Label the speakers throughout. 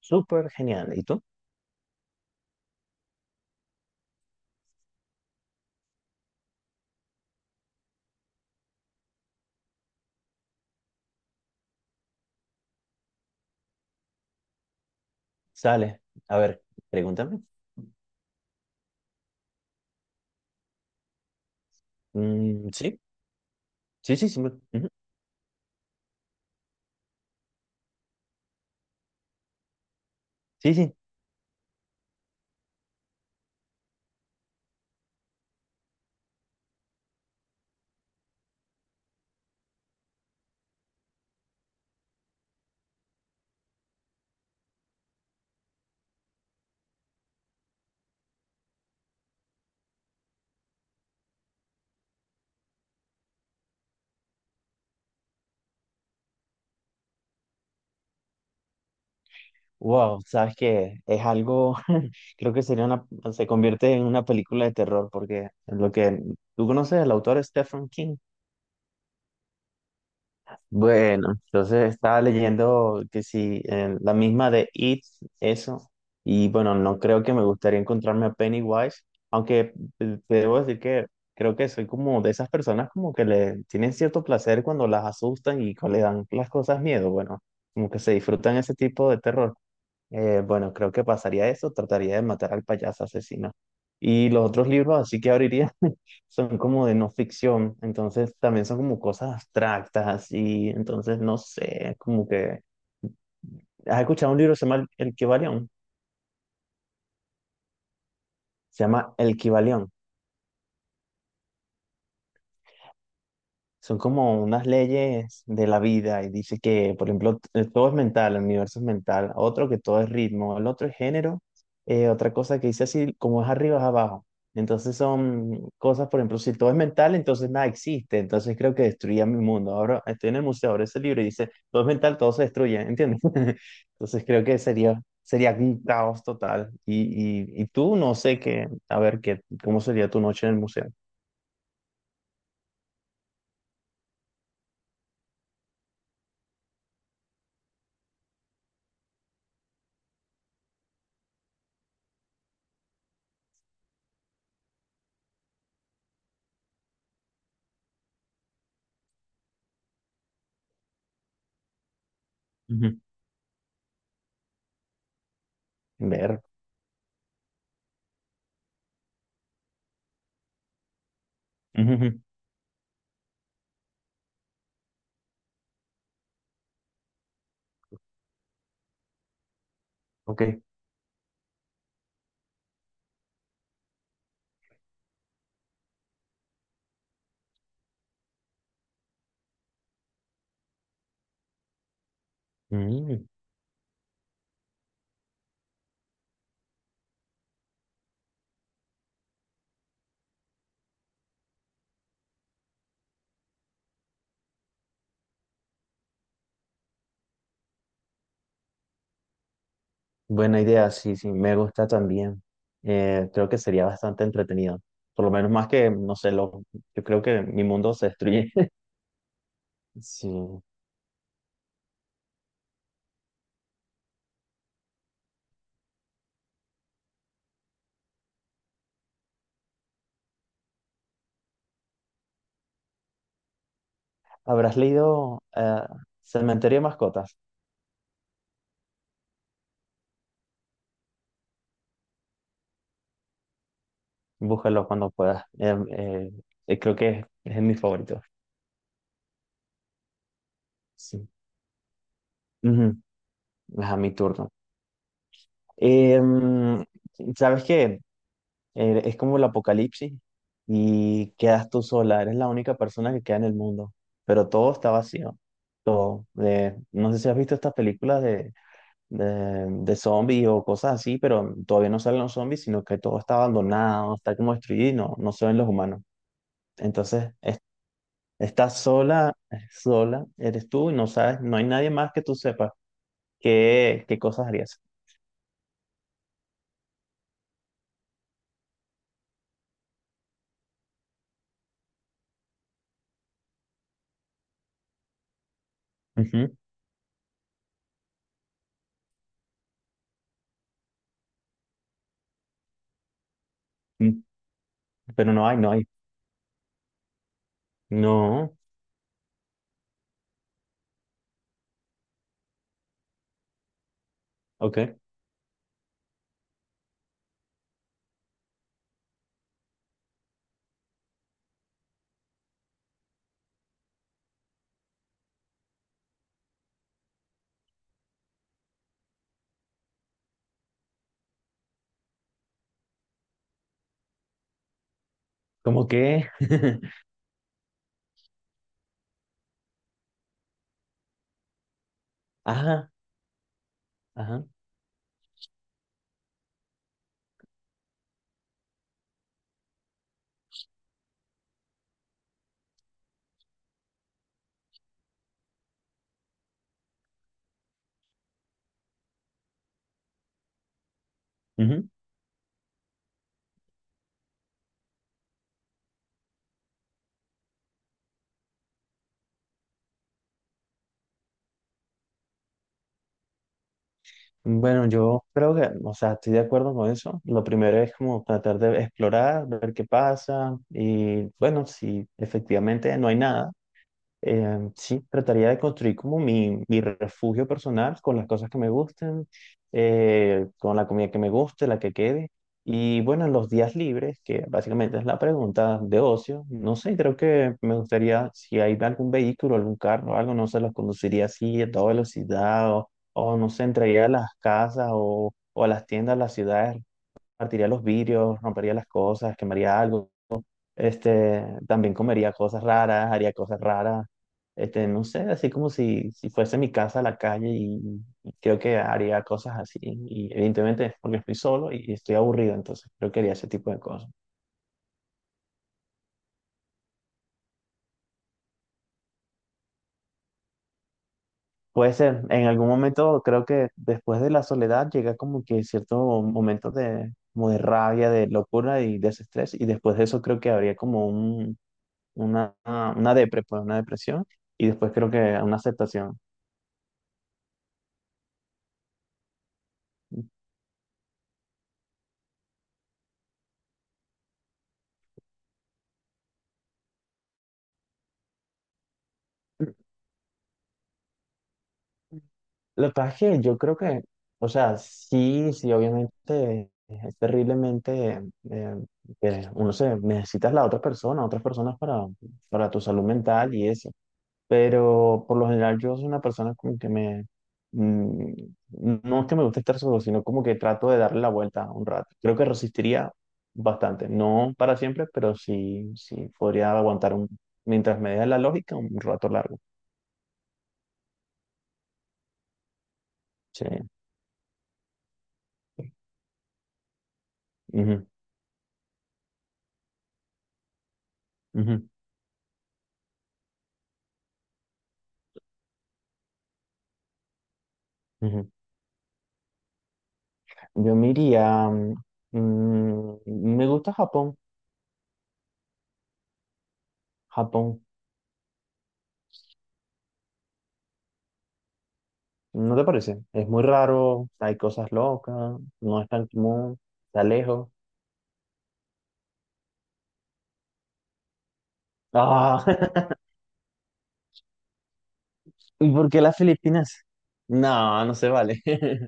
Speaker 1: Súper genial. ¿Y tú? Sale. A ver, pregúntame. Sí, sí, sí, sí. Ujú. Sí, sí. Wow, sabes que es algo, creo que sería una, se convierte en una película de terror porque lo que tú conoces, el autor Stephen King. Bueno, entonces estaba leyendo que sí, la misma de It, eso, y bueno, no creo que me gustaría encontrarme a Pennywise, aunque te debo decir que creo que soy como de esas personas como que le tienen cierto placer cuando las asustan y cuando le dan las cosas miedo, bueno, como que se disfrutan ese tipo de terror. Bueno, creo que pasaría eso, trataría de matar al payaso asesino. Y los otros libros, así que abriría, son como de no ficción, entonces también son como cosas abstractas y entonces no sé, como que... ¿Has escuchado un libro que se llama El Kybalión? Se llama El Kybalión. Son como unas leyes de la vida y dice que, por ejemplo, todo es mental, el universo es mental, otro que todo es ritmo, el otro es género, otra cosa que dice así, como es arriba es abajo. Entonces son cosas, por ejemplo, si todo es mental, entonces nada existe. Entonces creo que destruía mi mundo. Ahora estoy en el museo, ahora ese libro y dice, todo es mental, todo se destruye, ¿entiendes? Entonces creo que sería un caos total. Y tú no sé qué, a ver, qué, cómo sería tu noche en el museo. Ujú. Ver. Ujú, ujú. Ok. Mm, buena idea, sí, sí, me gusta también. Creo que sería bastante entretenido. Por lo menos más que, no sé, lo, yo creo que mi mundo se destruye. Sí. ¿Habrás leído Cementerio de Mascotas? Búscalo cuando puedas. Creo que es mi favorito. Sí. Ujú. Es a mi turno. Em, ¿Sabes qué? Es como el apocalipsis y quedas tú sola, eres la única persona que queda en el mundo, pero todo está vacío, todo. No sé si has visto estas películas de zombies o cosas así, pero todavía no salen los zombies, sino que todo está abandonado, está como destruido y no, no se ven los humanos. Entonces, estás sola, sola, eres tú y no sabes, no hay nadie más que tú sepas qué, qué cosas harías. Ujú. Mm, pero no hay, no hay. No, ok. ¿Cómo que? Ah. Ajá. Ujú. Bueno, yo creo que, o sea, estoy de acuerdo con eso. Lo primero es como tratar de explorar, ver qué pasa y bueno, si efectivamente no hay nada. Sí, trataría de construir como mi refugio personal con las cosas que me gusten, con la comida que me guste, la que quede. Y bueno, en los días libres, que básicamente es la pregunta de ocio, no sé, creo que me gustaría, si hay algún vehículo, algún carro, algo, no se los conduciría así a toda velocidad o no sé, entraría a las casas o a las tiendas, a las ciudades, partiría los vidrios, rompería las cosas, quemaría algo este, también comería cosas raras, haría cosas raras. Este, no sé, así como si, si fuese mi casa a la calle y creo que haría cosas así. Y evidentemente es porque estoy solo y estoy aburrido, entonces creo que haría ese tipo de cosas. Puede ser, en algún momento creo que después de la soledad llega como que cierto momento de, como de rabia, de locura y desestrés. Y después de eso creo que habría como un, una depre, pues, una depresión. Y después creo que una aceptación. Lo que pasa es que yo creo que, o sea, sí, sí, obviamente es terriblemente eh, que uno se necesitas la otra persona, otras personas para tu salud mental y eso. Pero por lo general yo soy una persona como que me, mm, no es que me guste estar solo, sino como que trato de darle la vuelta un rato. Creo que resistiría bastante, no para siempre, pero sí, sí, podría aguantar un, mientras me dé la lógica un rato largo. Sí. Ujú, ujú, ujú. Yo me iría. mm, Me gusta Japón. Japón, ¿no te parece? Es muy raro, hay cosas locas, no es tan común, está lejos. Ah, ¿y por qué las Filipinas? No, no se vale.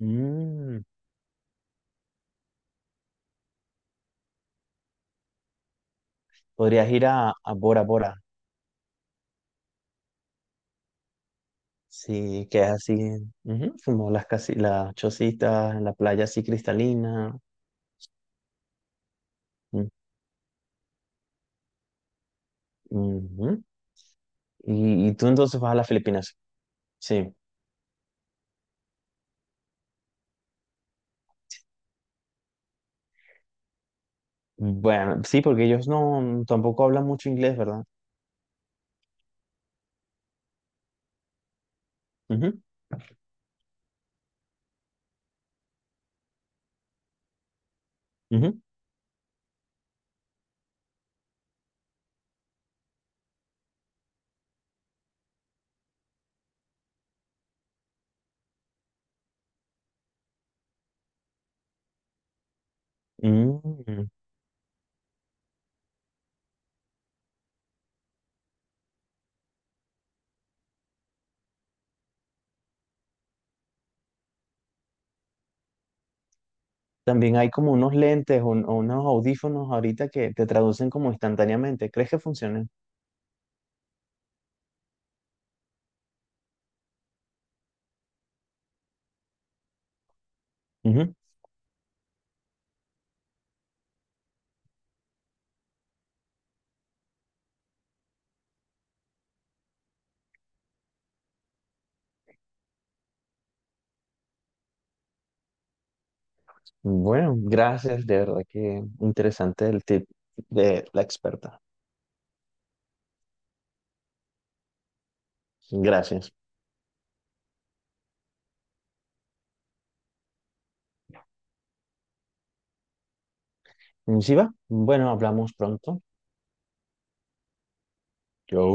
Speaker 1: Mm, podrías ir a Bora Bora, sí, que es así, ujú, como las, casi, las chocitas, la playa así cristalina. Mm, ujú. Y tú entonces vas a las Filipinas, sí. Bueno, sí, porque ellos no tampoco hablan mucho inglés, ¿verdad? Ujú, ujú. Mm. También hay como unos lentes o unos audífonos ahorita que te traducen como instantáneamente. ¿Crees que funcionen? Ujú. Bueno, gracias, de verdad que interesante el tip de la experta. Gracias. ¿Sí va? Bueno, hablamos pronto. Yo